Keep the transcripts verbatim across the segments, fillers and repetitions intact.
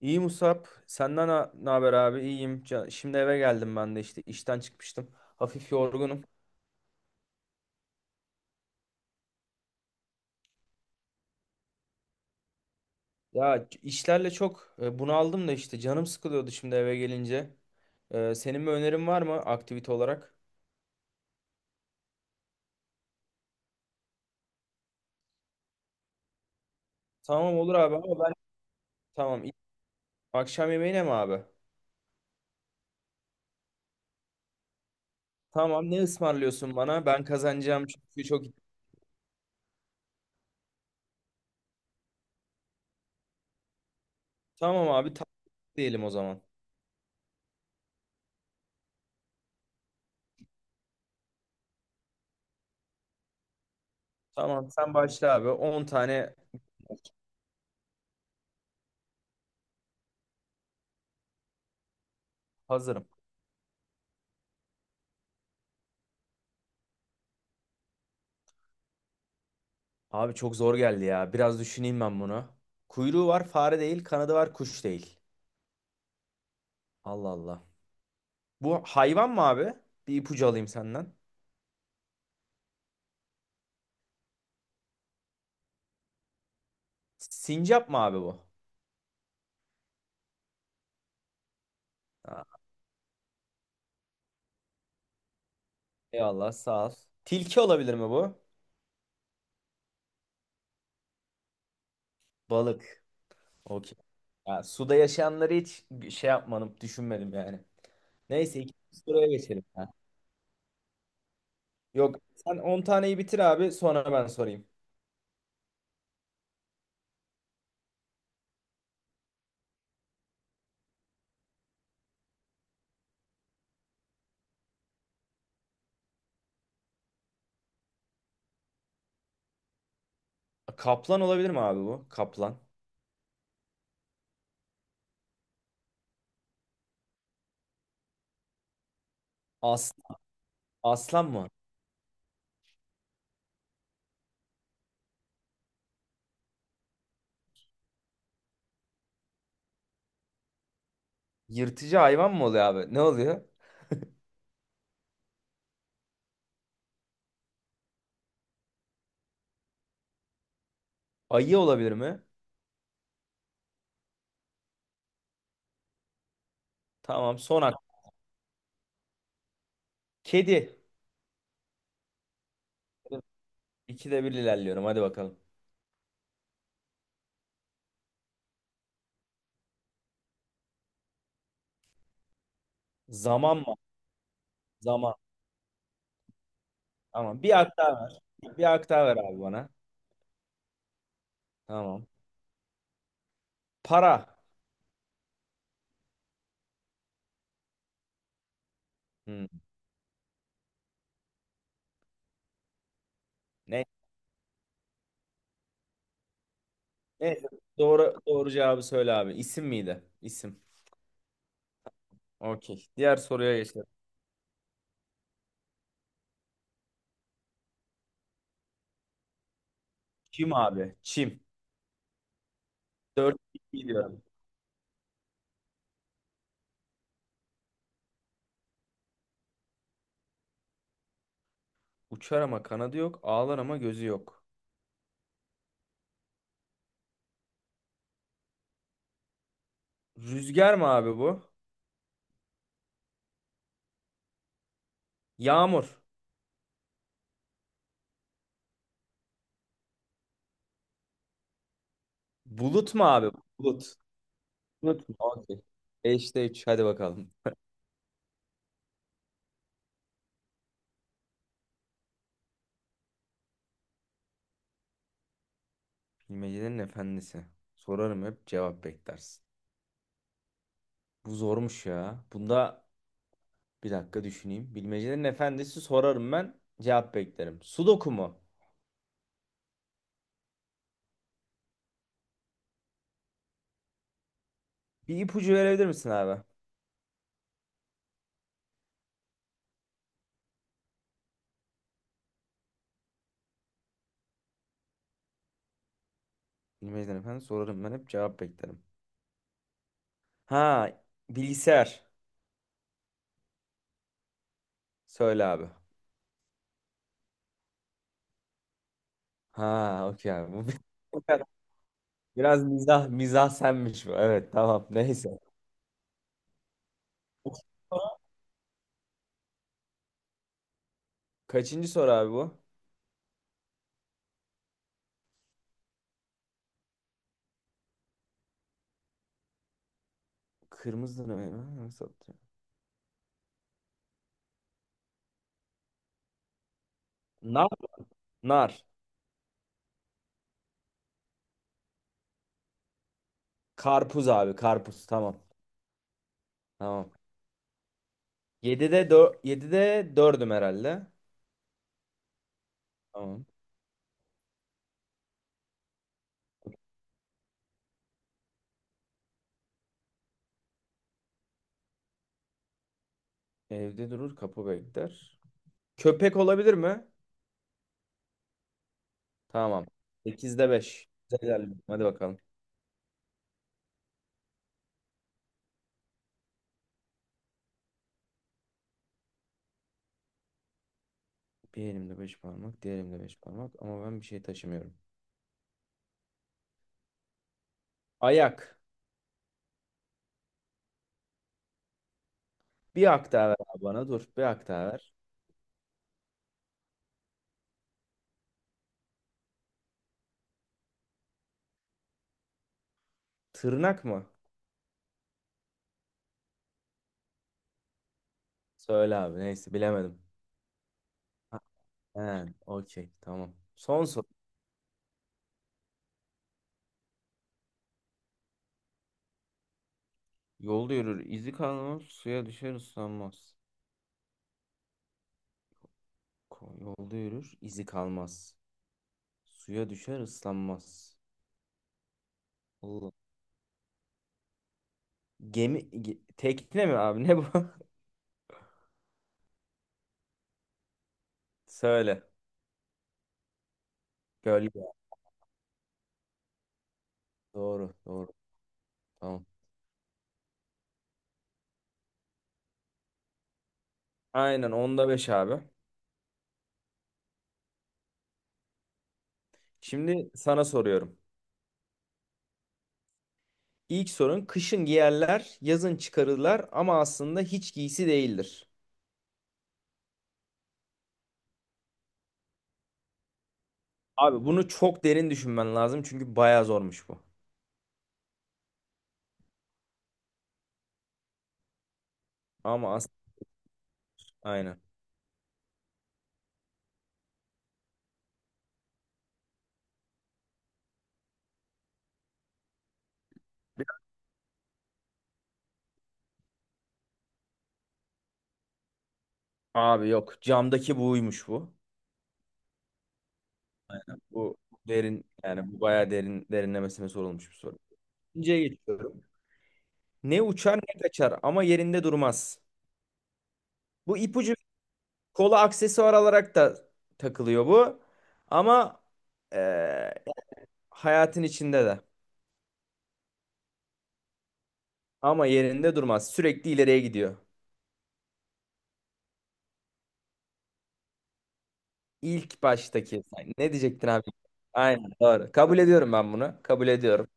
İyi Musab. Senden ha- ne haber abi? İyiyim. Ca- Şimdi eve geldim ben de işte işten çıkmıştım. Hafif yorgunum. Ya c- işlerle çok e, bunaldım da işte canım sıkılıyordu şimdi eve gelince. Ee, senin bir önerin var mı aktivite olarak? Tamam olur abi ama ben tamam. İ- Akşam yemeğine mi abi? Tamam, ne ısmarlıyorsun bana? Ben kazanacağım çünkü çok. Tamam abi, tatlı diyelim o zaman. Tamam, sen başla abi. On tane. Hazırım. Abi çok zor geldi ya. Biraz düşüneyim ben bunu. Kuyruğu var, fare değil, kanadı var, kuş değil. Allah Allah. Bu hayvan mı abi? Bir ipucu alayım senden. Sincap mı abi bu? Ha, eyvallah, sağ ol. Tilki olabilir mi bu? Balık. Okey. Ya, suda yaşayanları hiç şey yapmadım, düşünmedim yani. Neyse ikinci soruya geçelim. Ha. Yok, sen on taneyi bitir abi, sonra ben sorayım. Kaplan olabilir mi abi bu? Kaplan. As aslan mı? Yırtıcı hayvan mı oluyor abi? Ne oluyor? Ayı olabilir mi? Tamam. Son hak. Kedi. İkide bir ilerliyorum. Hadi bakalım. Zaman mı? Zaman. Tamam. Bir hak daha ver. Bir hak daha ver abi bana. Tamam. Para. Hmm. Ne? Ne? Doğru, doğru cevabı söyle abi. İsim miydi? İsim. Okey. Diğer soruya geçelim. Çim abi. Çim. Dört gidiyorum. Uçar ama kanadı yok. Ağlar ama gözü yok. Rüzgar mı abi bu? Yağmur. Bulut mu abi? Bulut. Bulut mu? Okey. beşte üç. Hadi bakalım. Bilmecenin efendisi. Sorarım hep, cevap beklersin. Bu zormuş ya. Bunda bir dakika düşüneyim. Bilmecenin efendisi sorarım, ben cevap beklerim. Sudoku mu? Bir ipucu verebilir misin abi? Bilmecenin efendisi sorarım ben hep cevap beklerim. Ha, bilgisayar. Söyle abi. Ha, okey abi. Bu bir- biraz mizah mizah senmiş bu. Evet, tamam, neyse. Kaçıncı soru abi bu? Kırmızı ne? Nasıl atıyor? Nar. Nar. Karpuz abi, karpuz, tamam. Tamam. yedide dört, yedide dördüm herhalde. Tamam. Evde durur, kapı bekler. Köpek olabilir mi? Tamam. sekizde beş. Güzel ilerliyorum. Hadi bakalım. Bir elimde beş parmak, diğer elimde beş parmak, ama ben bir şey taşımıyorum. Ayak. Bir hak daha ver abi bana, dur. Bir hak daha ver. Tırnak mı? Söyle abi, neyse, bilemedim. Ha, he, okey, tamam. Son soru. Yolda yürür, izi kalmaz, suya düşer, ıslanmaz. Ko- Yolda yürür, izi kalmaz. Suya düşer, ıslanmaz. Oo. Gemi ge- tekne mi abi, ne bu? Söyle. Gölge. Doğru, doğru. Tamam. Aynen onda beş abi. Şimdi sana soruyorum. İlk sorun: kışın giyerler, yazın çıkarırlar ama aslında hiç giysi değildir. Abi, bunu çok derin düşünmen lazım çünkü bayağı zormuş bu. Ama as aynen. Abi yok, camdaki buymuş bu. Bu derin yani, bu bayağı derin, derinlemesine sorulmuş bir soru. İkinciye geçiyorum. Ne uçar, ne kaçar ama yerinde durmaz. Bu ipucu. Kola aksesuar olarak da takılıyor bu. Ama eee, hayatın içinde de. Ama yerinde durmaz. Sürekli ileriye gidiyor. İlk baştaki. Sen ne diyecektin abi? Aynen doğru. Kabul ediyorum ben bunu. Kabul ediyorum.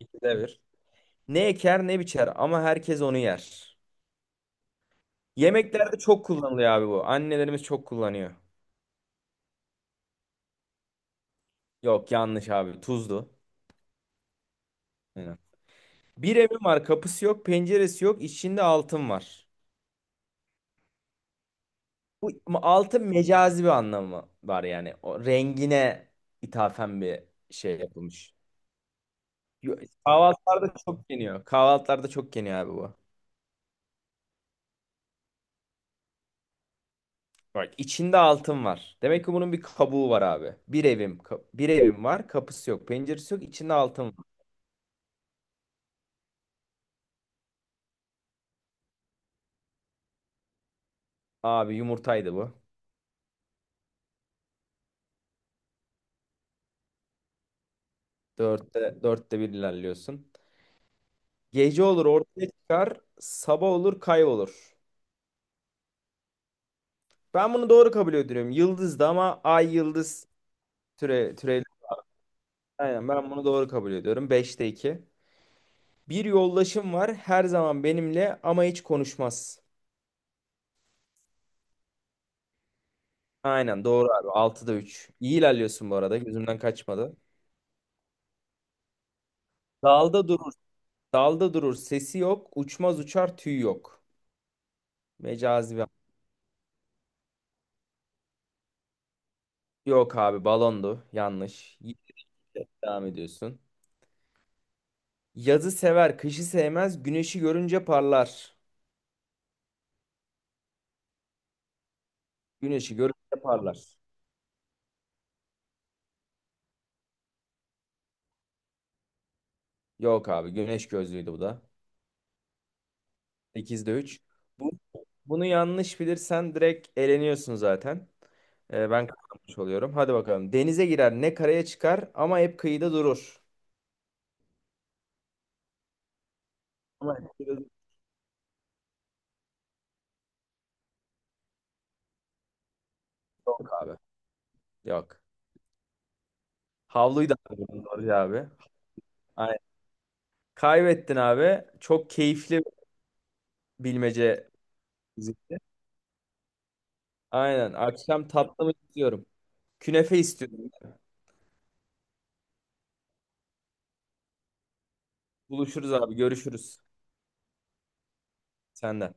İkide bir. Ne eker, ne biçer ama herkes onu yer. Yemeklerde çok kullanılıyor abi bu. Annelerimiz çok kullanıyor. Yok, yanlış abi. Tuzdu. Aynen. Bir evim var. Kapısı yok. Penceresi yok. İçinde altın var. Bu altın mecazi bir anlamı var yani. O rengine ithafen bir şey yapılmış. Yo- Kahvaltılarda çok yeniyor. Kahvaltılarda çok yeniyor abi bu. Bak, içinde altın var. Demek ki bunun bir kabuğu var abi. Bir evim, ka- bir evim var. Kapısı yok, penceresi yok. İçinde altın var. Abi yumurtaydı bu. Dörtte, dörtte bir ilerliyorsun. Gece olur ortaya çıkar. Sabah olur kaybolur. Ben bunu doğru kabul ediyorum. Yıldızdı ama ay yıldız. Türe, türe Aynen, ben bunu doğru kabul ediyorum. Beşte iki. Bir yoldaşım var her zaman benimle ama hiç konuşmaz. Aynen doğru abi. Altıda üç. İyi ilerliyorsun bu arada. Gözümden kaçmadı. Dalda durur. Dalda durur. Sesi yok. Uçmaz uçar, tüy yok. Mecazi bir... Yok abi, balondu. Yanlış. Yine devam ediyorsun. Yazı sever, kışı sevmez. Güneşi görünce parlar. Güneşi görünce parlar. Yok abi, güneş gözlüydü bu da. sekizde üç. Bu, bunu yanlış bilirsen direkt eleniyorsun zaten. Ee, ben kazanmış oluyorum. Hadi bakalım. Denize girer, ne karaya çıkar ama hep kıyıda durur. Ama hep kıyıda durur. Yok abi. Yok. Havluyu da aldın doğru ya abi. Aynen. Kaybettin abi. Çok keyifli bilmece bizimki. Aynen. Akşam tatlı mı istiyorum? Künefe istiyorum. Buluşuruz abi. Görüşürüz. Senden.